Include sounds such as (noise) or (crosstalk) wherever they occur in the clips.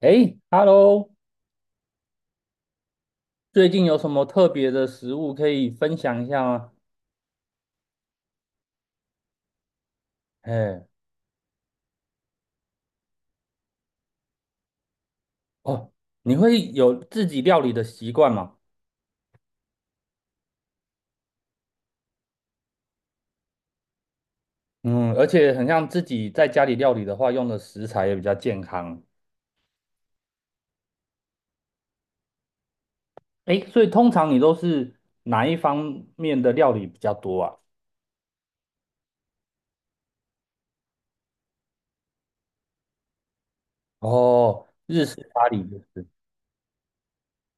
诶 hello 最近有什么特别的食物可以分享一下吗？哎，哦，你会有自己料理的习惯吗？嗯，而且很像自己在家里料理的话，用的食材也比较健康。诶，所以通常你都是哪一方面的料理比较多啊？哦，日式咖喱就是，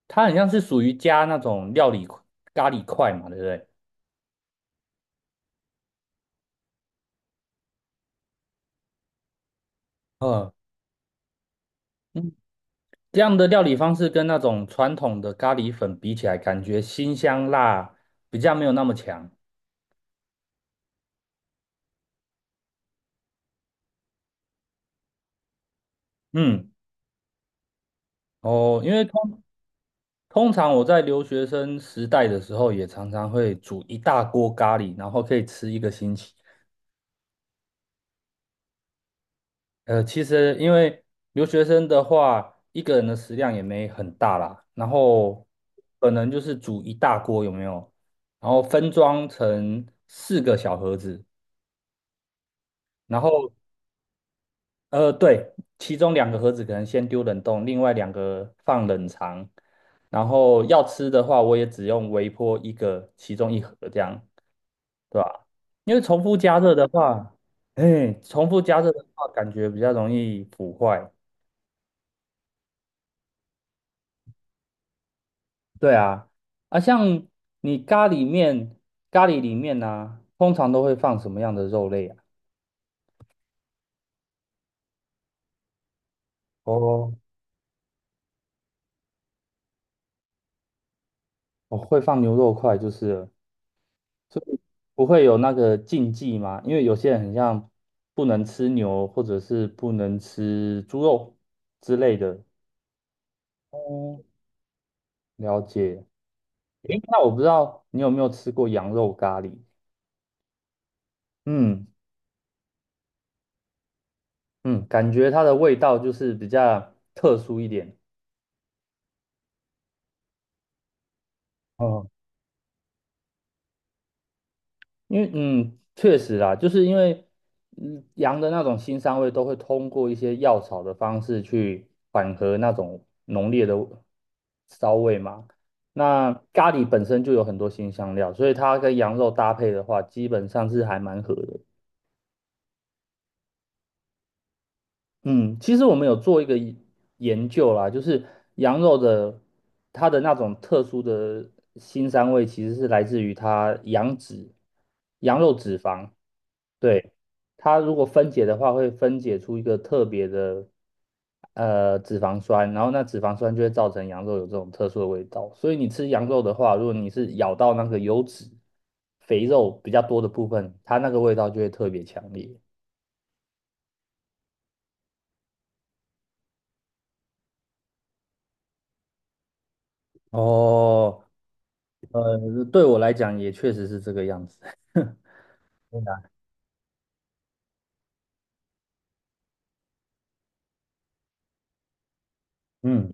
它很像是属于加那种料理咖喱块嘛，对不对？嗯。这样的料理方式跟那种传统的咖喱粉比起来，感觉辛香辣比较没有那么强。嗯，哦，因为通常我在留学生时代的时候，也常常会煮一大锅咖喱，然后可以吃一个星期。其实因为留学生的话，一个人的食量也没很大啦，然后可能就是煮一大锅，有没有？然后分装成四个小盒子，然后对，其中两个盒子可能先丢冷冻，另外两个放冷藏。然后要吃的话，我也只用微波一个，其中一盒这样，对吧？因为重复加热的话，哎，重复加热的话，感觉比较容易腐坏。对啊，啊，像你咖喱面，咖喱里面呢、通常都会放什么样的肉类啊？哦，我会放牛肉块，就是了所以不会有那个禁忌吗？因为有些人很像不能吃牛，或者是不能吃猪肉之类的。哦，了解。诶，那我不知道你有没有吃过羊肉咖喱？嗯嗯，感觉它的味道就是比较特殊一点。哦因为嗯，确实啦，就是因为羊的那种腥膻味都会通过一些药草的方式去缓和那种浓烈的骚味嘛。那咖喱本身就有很多辛香料，所以它跟羊肉搭配的话，基本上是还蛮合的。嗯，其实我们有做一个研究啦，就是羊肉的它的那种特殊的腥膻味，其实是来自于它羊脂、羊肉脂肪。对，它如果分解的话，会分解出一个特别的脂肪酸，然后那脂肪酸就会造成羊肉有这种特殊的味道。所以你吃羊肉的话，如果你是咬到那个油脂、肥肉比较多的部分，它那个味道就会特别强烈。哦，对我来讲也确实是这个样子。(laughs) 嗯，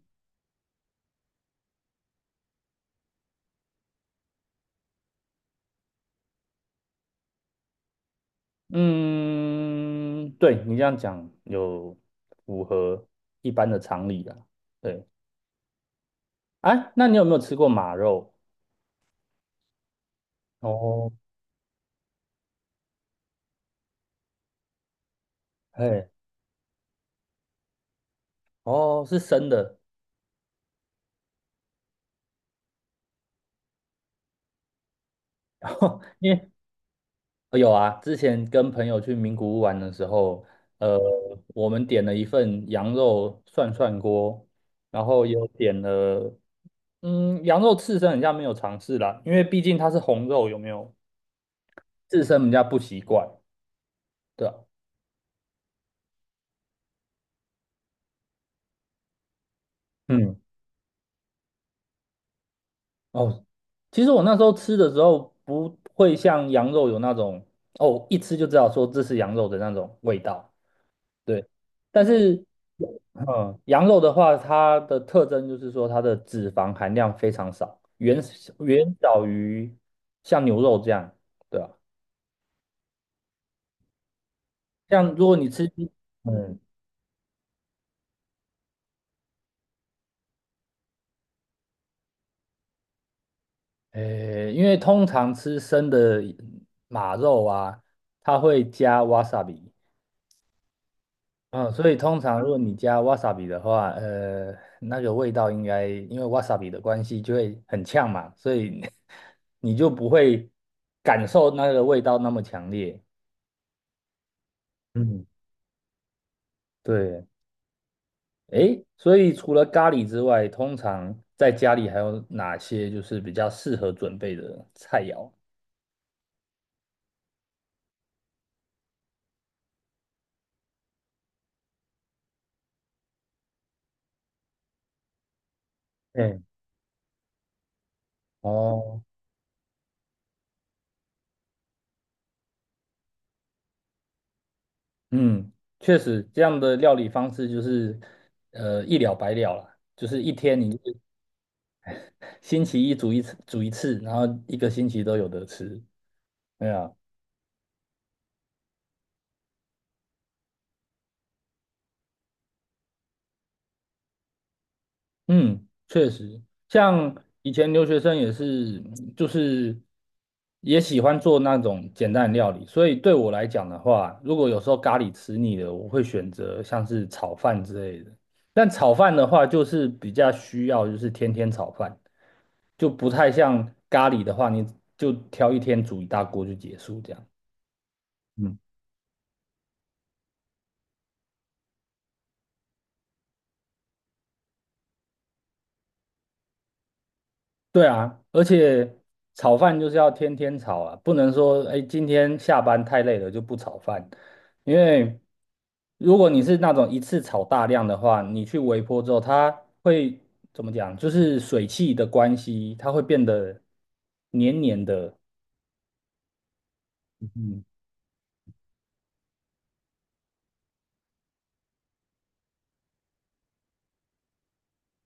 嗯，对，你这样讲有符合一般的常理啦。对，哎，那你有没有吃过马肉？哦，嘿，哦，是生的，(laughs) 因为有啊，之前跟朋友去名古屋玩的时候，呃，我们点了一份羊肉涮涮锅，然后有点了，嗯，羊肉刺身人家没有尝试啦，因为毕竟它是红肉，有没有？刺身人家不习惯，对啊，嗯，哦，其实我那时候吃的时候不会像羊肉有那种，哦，一吃就知道说这是羊肉的那种味道。对，但是，嗯，羊肉的话，它的特征就是说它的脂肪含量非常少，远远小于像牛肉这样，对吧？像如果你吃，嗯，诶，因为通常吃生的马肉啊，它会加 wasabi，嗯，所以通常如果你加 wasabi 的话，那个味道应该因为 wasabi 的关系就会很呛嘛，所以 (laughs) 你就不会感受那个味道那么强烈。嗯，对，诶，所以除了咖喱之外，通常在家里还有哪些就是比较适合准备的菜肴？诶。哦，嗯，确实这样的料理方式就是一了百了啦，就是一天你就星期一煮一次，煮一次，然后一个星期都有得吃。对啊，嗯，确实，像以前留学生也是，就是也喜欢做那种简单的料理，所以对我来讲的话，如果有时候咖喱吃腻了，我会选择像是炒饭之类的。但炒饭的话，就是比较需要就是天天炒饭，就不太像咖喱的话，你就挑一天煮一大锅就结束这样。嗯对啊，而且炒饭就是要天天炒啊，不能说哎今天下班太累了就不炒饭，因为如果你是那种一次炒大量的话，你去微波之后，它会怎么讲？就是水汽的关系，它会变得黏黏的。嗯，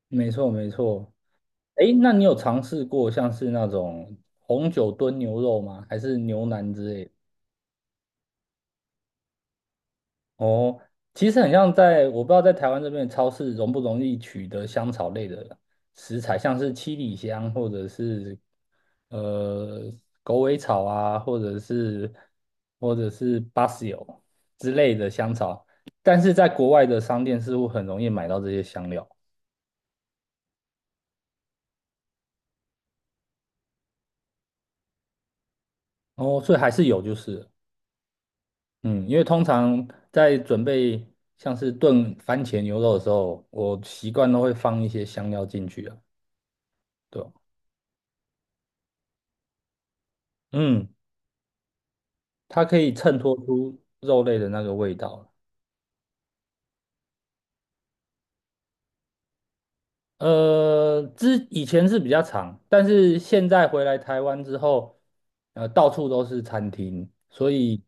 没错没错。哎，那你有尝试过像是那种红酒炖牛肉吗？还是牛腩之类的？哦，其实很像在，我不知道在台湾这边的超市容不容易取得香草类的食材，像是七里香或者是呃狗尾草啊，或者是巴西油之类的香草，但是在国外的商店似乎很容易买到这些香料。哦，所以还是有就是了嗯，因为通常在准备像是炖番茄牛肉的时候，我习惯都会放一些香料进去啊，对吧？嗯。它可以衬托出肉类的那个味道。之以前是比较长，但是现在回来台湾之后，到处都是餐厅，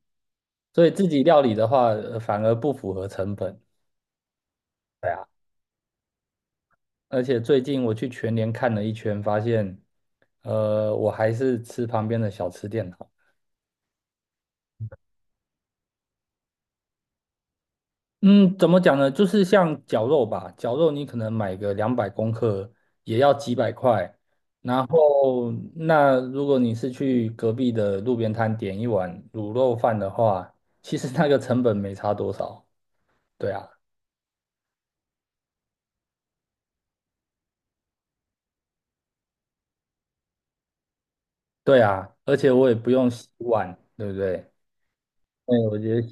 所以自己料理的话，反而不符合成本。对啊，而且最近我去全联看了一圈，发现，我还是吃旁边的小吃店好。嗯，怎么讲呢？就是像绞肉吧，绞肉你可能买个200公克也要几百块，后，那如果你是去隔壁的路边摊点一碗卤肉饭的话，其实那个成本没差多少。对啊，对啊，而且我也不用洗碗，对不对？对，我觉得，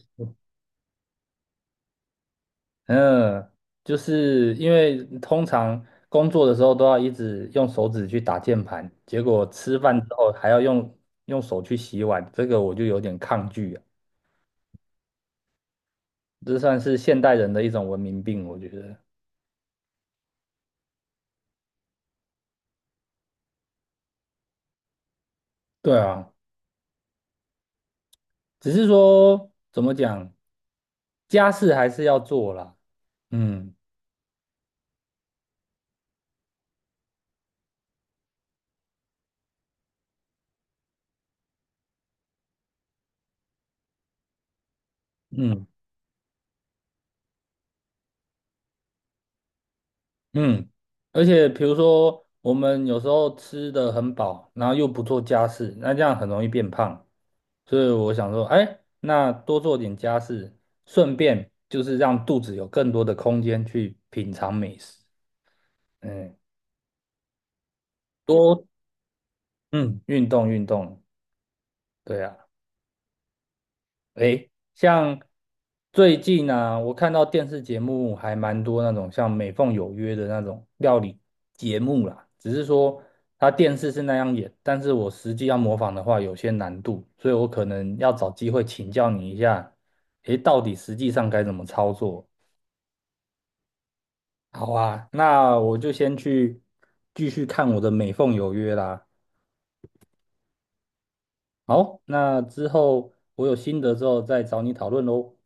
嗯，就是因为通常工作的时候都要一直用手指去打键盘，结果吃饭之后还要用手去洗碗，这个我就有点抗拒啊。这算是现代人的一种文明病，我觉得。对啊。只是说怎么讲，家事还是要做啦。嗯嗯嗯，而且比如说我们有时候吃的很饱，然后又不做家事，那这样很容易变胖。所以我想说，哎，那多做点家事，顺便就是让肚子有更多的空间去品尝美食。嗯，多嗯运动运动，对啊。诶，像最近呢、我看到电视节目还蛮多那种像《美凤有约》的那种料理节目啦，只是说它电视是那样演，但是我实际要模仿的话有些难度，所以我可能要找机会请教你一下，诶，到底实际上该怎么操作？好啊，那我就先去继续看我的《美凤有约》啦。好，那之后我有心得之后再找你讨论喽，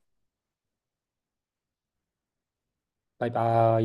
拜拜。